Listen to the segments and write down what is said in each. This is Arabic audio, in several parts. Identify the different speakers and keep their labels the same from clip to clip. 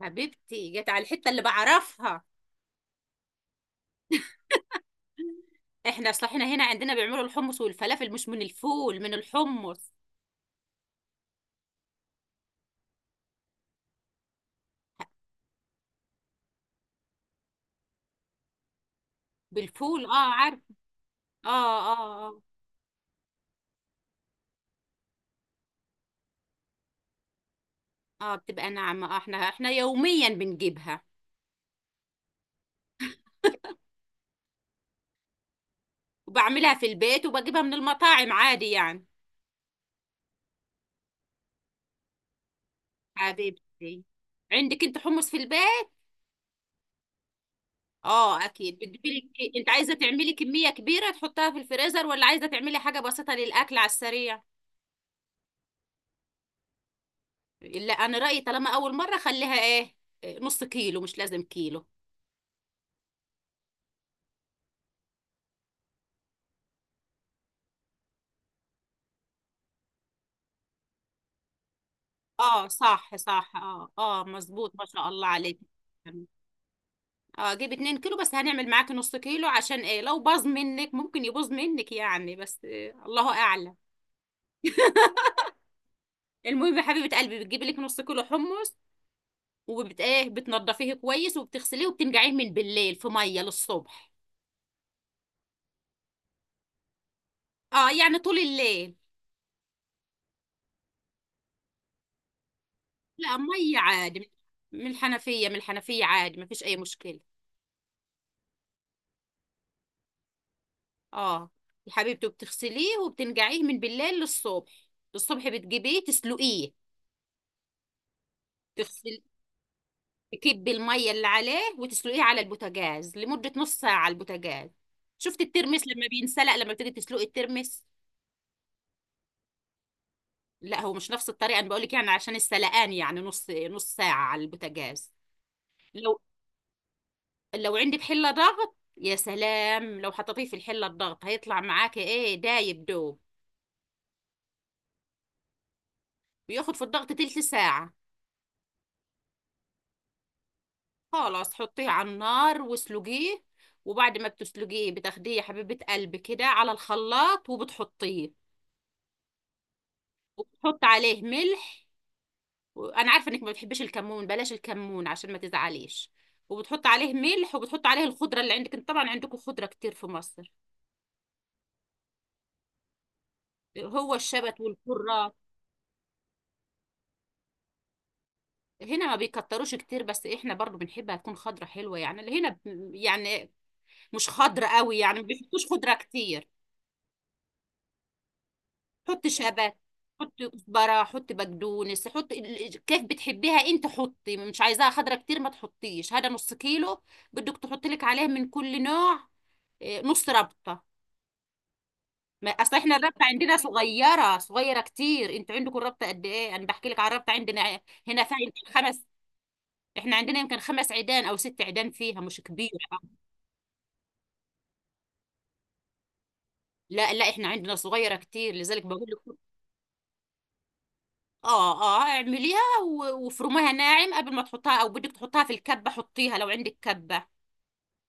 Speaker 1: حبيبتي جت على الحتة اللي بعرفها. احنا اصل احنا هنا عندنا بيعملوا الحمص والفلافل، مش من الفول، من الحمص. بالفول، اه، عارف. اه اه اه، اه بتبقى ناعمة. اه، احنا يوميا بنجيبها وبعملها في البيت وبجيبها من المطاعم عادي يعني. حبيبتي، عندك انت حمص في البيت؟ اه، اكيد بتجيبي لك. إيه؟ انت عايزة تعملي كمية كبيرة تحطها في الفريزر ولا عايزة تعملي حاجة بسيطة للأكل على السريع؟ لا، انا رأيي طالما اول مرة خليها ايه، نص كيلو، مش لازم كيلو. اه، صح صح، اه اه، مظبوط، ما شاء الله عليك. اه، جيب 2 كيلو، بس هنعمل معاك نص كيلو، عشان ايه، لو باظ منك ممكن يبوظ منك يعني، بس آه، الله اعلم. المهم يا حبيبة قلبي، بتجيبي لك نص كيلو حمص، وبت ايه بتنضفيه كويس وبتغسليه وبتنقعيه من بالليل في مية للصبح. اه يعني طول الليل. لا، مية عادي، من الحنفية عادي، ما فيش اي مشكلة. اه، يا حبيبتي بتغسليه وبتنقعيه من بالليل للصبح، الصبح بتجيبيه تسلقيه. تغسل، تكبي الميه اللي عليه وتسلقيه على البوتاجاز لمده نص ساعه على البوتاجاز. شفت الترمس لما بينسلق، لما بتيجي تسلقي الترمس. لا، هو مش نفس الطريقه، انا بقول لك يعني عشان السلقان، يعني نص ساعه على البوتاجاز. لو لو عندك حله ضغط، يا سلام، لو حطيتيه في الحله الضغط هيطلع معاكي ايه، دايب دوب. بياخد في الضغط تلت ساعه. خلاص حطيه على النار واسلقيه. وبعد ما بتسلقيه بتاخديه يا حبيبه قلبي كده على الخلاط، وبتحطيه وتحط عليه ملح. وانا عارفه انك ما بتحبيش الكمون، بلاش الكمون عشان ما تزعليش. وبتحط عليه ملح وبتحط عليه الخضره اللي عندك. انت طبعا عندكم خضره كتير في مصر، هو الشبت والكرات. هنا ما بيكتروش كتير، بس احنا برضو بنحبها تكون خضره حلوه، يعني اللي هنا ب- يعني مش خضره قوي، يعني ما بيحطوش خضره كتير. حط شبت، حط كزبره، حط بقدونس، كيف بتحبيها انت، حطي مش عايزاها خضره كتير، ما تحطيش، هذا نص كيلو، بدك تحطي لك عليه من كل نوع. إيه، نص ربطة. ما اصل احنا الربطة عندنا صغيرة، صغيرة كتير، انتوا عندكم الربطة قد ايه؟ انا بحكي لك على الربطة عندنا، هنا فيها يمكن خمس. احنا عندنا يمكن خمس عيدان او ست عيدان، فيها مش كبيرة. لا لا، احنا عندنا صغيرة كتير، لذلك بقول لك. اه اه، اعمليها وافرميها ناعم قبل ما تحطها، او بدك تحطها في الكبة، حطيها لو عندك كبة،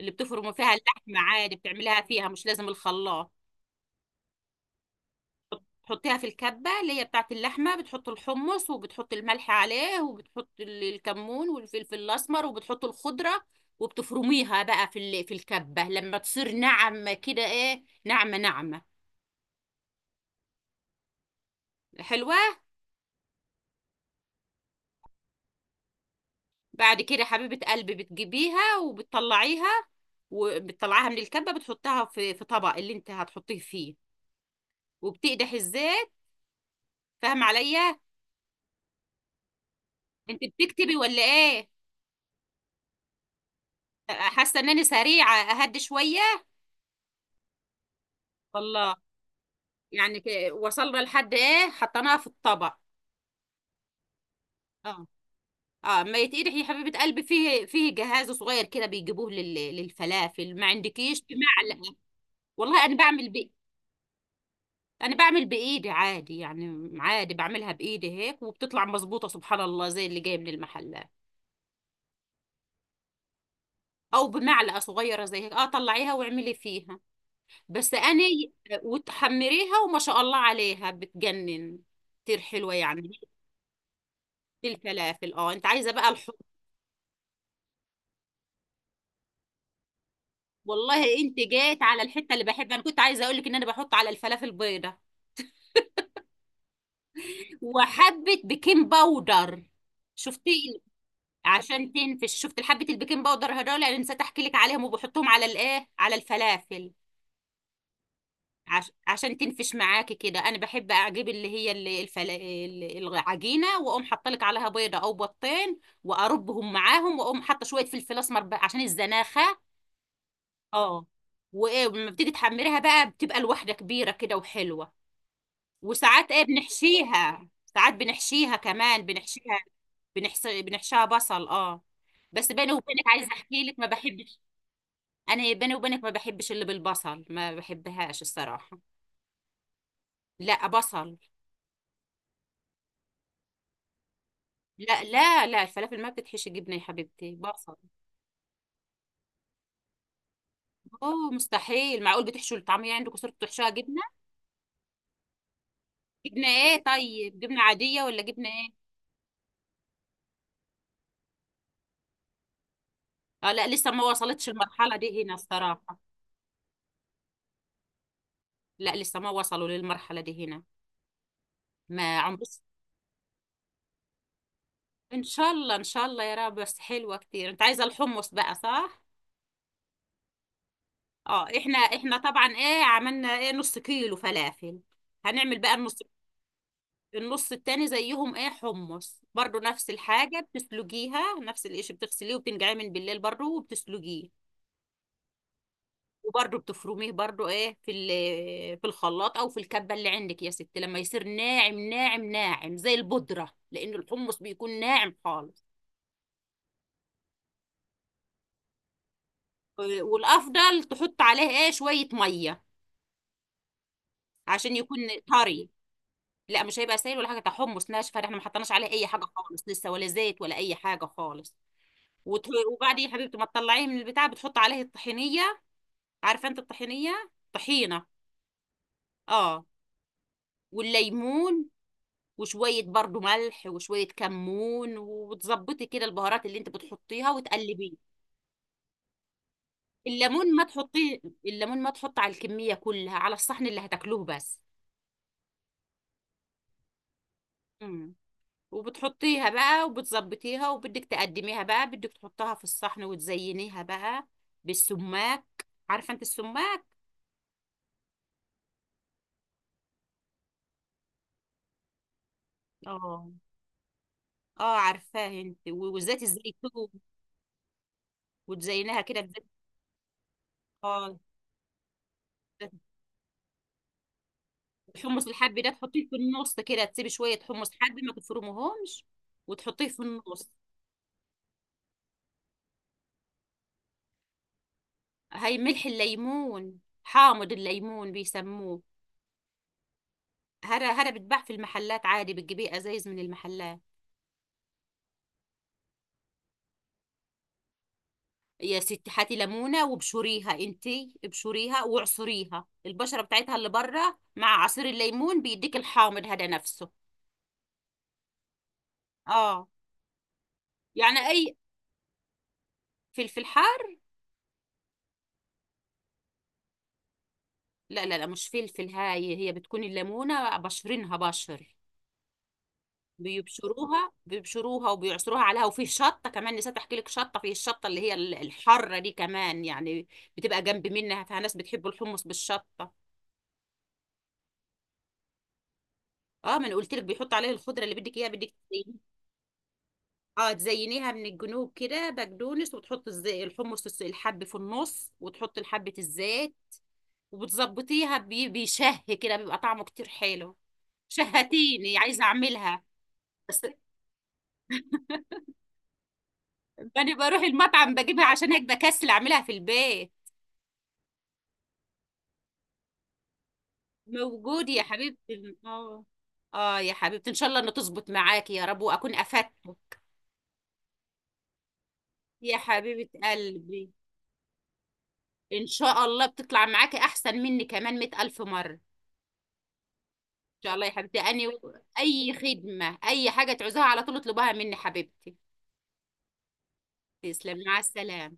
Speaker 1: اللي بتفرموا فيها اللحمة عادي بتعمليها فيها، مش لازم الخلاط. تحطيها في الكبة اللي هي بتاعت اللحمة، بتحط الحمص وبتحط الملح عليه وبتحط الكمون والفلفل الأسمر وبتحط الخضرة، وبتفرميها بقى في الكبة، لما تصير ناعمة كده، ناعمة ناعمة حلوة. بعد كده حبيبة قلبي بتجيبيها وبتطلعيها، وبتطلعيها من الكبة، بتحطها في في طبق اللي انت هتحطيه فيه، وبتقدح الزيت. فاهم عليا؟ انت بتكتبي ولا ايه؟ حاسة ان انا سريعة، اهدي شوية. والله، يعني وصلنا لحد ايه، حطيناها في الطبق. اه اه، ما يتقدح يا حبيبه قلبي، فيه جهاز صغير كده بيجيبوه للفلافل، ما عندكيش بمعلقه؟ والله انا بعمل بي... انا بعمل بايدي عادي يعني، عادي بعملها بايدي هيك وبتطلع مظبوطه سبحان الله زي اللي جايه من المحلات، او بمعلقه صغيره زي هيك، اه، طلعيها واعملي فيها. بس انا ي- وتحمريها وما شاء الله عليها، بتجنن، كتير حلوه يعني. الفلافل، اه، انت عايزه بقى الحب. والله انت جيت على الحته اللي بحب، انا كنت عايزه اقول لك ان انا بحط على الفلافل بيضه، وحبه بيكنج باودر. شفتي؟ عشان تنفش. شفت حبه البيكنج باودر هدول، انا نسيت احكي لك عليهم، وبحطهم على الايه، على الفلافل، عشان تنفش معاكي كده. انا بحب اجيب اللي هي العجينه، واقوم حاطلك عليها بيضه او بيضتين واربهم معاهم، واقوم حاطه شويه فلفل اسمر بقى عشان الزناخه. اه، وايه، لما بتيجي تحمريها بقى بتبقى الواحده كبيره كده وحلوه. وساعات ايه بنحشيها، ساعات بنحشيها كمان، بنحشيها، بنحشيها بصل، اه. بس بيني وبينك عايزه احكي لك، ما بحبش. انا بيني وبينك ما بحبش اللي بالبصل، ما بحبهاش الصراحه. لا بصل. لا لا لا، الفلافل ما بتتحشي جبنه يا حبيبتي، بصل. اوه، مستحيل، معقول بتحشوا الطعميه عندكم صرتوا بتحشوها جبنه؟ جبنه ايه؟ طيب جبنه عاديه ولا جبنه ايه؟ اه، لا لسه ما وصلتش المرحله دي هنا الصراحه. لا، لسه ما وصلوا للمرحله دي هنا، ما عمري. ان شاء الله ان شاء الله، يا رب. بس حلوه كتير. انت عايزه الحمص بقى، صح. اه، احنا طبعا ايه، عملنا ايه، نص كيلو فلافل، هنعمل بقى النص. النص التاني زيهم ايه، حمص برضو، نفس الحاجه بتسلقيها، نفس الاشي بتغسليه وبتنقعيه من بالليل برضو وبتسلقيه. وبرضو بتفرميه برضو ايه، في الخلاط او في الكبه اللي عندك يا ستي، لما يصير ناعم ناعم ناعم زي البودره، لان الحمص بيكون ناعم خالص. آه، والافضل تحط عليه ايه شويه ميه عشان يكون طري. لا، مش هيبقى سائل ولا حاجه، ده حمص ناشفه، ده احنا ما حطيناش عليه اي حاجه خالص لسه، ولا زيت ولا اي حاجه خالص. وبعدين يا حبيبتي ما تطلعيه من البتاع بتحط عليه الطحينيه، عارفه انت الطحينيه، طحينه، اه. والليمون وشويه برضو ملح وشويه كمون، وتظبطي كده البهارات اللي انت بتحطيها وتقلبيه. الليمون ما تحطيه، الليمون ما تحط على الكميه كلها، على الصحن اللي هتاكلوه بس. مم. وبتحطيها بقى وبتظبطيها، وبدك تقدميها بقى، بدك تحطها في الصحن وتزينيها بقى بالسماك. عارفة انت السماك؟ اه اه عارفاه. انت وزيت الزيتون، وتزينها كده بزيت. اه، الحمص الحب ده تحطيه في النص كده، تسيبي شوية حمص حب ما تفرمهمش، وتحطيه في النص. هي ملح الليمون، حامض الليمون بيسموه، هذا بيتباع في المحلات عادي، بتجيبيه ازايز من المحلات. يا ستي هاتي ليمونه وابشريها انتي، ابشريها واعصريها البشره بتاعتها اللي بره مع عصير الليمون، بيديك الحامض هذا نفسه. اه، يعني اي. فلفل حار؟ لا لا لا، مش فلفل، هاي هي بتكون الليمونه بشرينها بشر. بيبشروها بيبشروها وبيعصروها عليها. وفي شطه كمان، نسيت احكي لك شطه، في الشطه اللي هي الحاره دي كمان يعني، بتبقى جنب منها فناس بتحب الحمص بالشطه. اه، ما انا قلت لك بيحط عليه الخضره اللي بدك اياها بدك. اه، تزينيها من الجنوب كده بقدونس، وتحط الحمص الحب في النص، وتحط حبة الزيت وبتظبطيها بيشه كده، بيبقى طعمه كتير حلو. شهتيني عايزة اعملها. بس انا بروح المطعم بجيبها، عشان هيك بكسل اعملها في البيت. موجود يا حبيبتي، اه. اه يا حبيبتي، ان شاء الله انه تظبط معاكي يا رب، واكون افدته. يا حبيبة قلبي، ان شاء الله بتطلع معاكي احسن مني كمان مئة الف مرة. شاء الله يا حبيبتي، أني أي خدمة، أي حاجة تعوزها على طول اطلبها مني حبيبتي. تسلم، مع السلامة.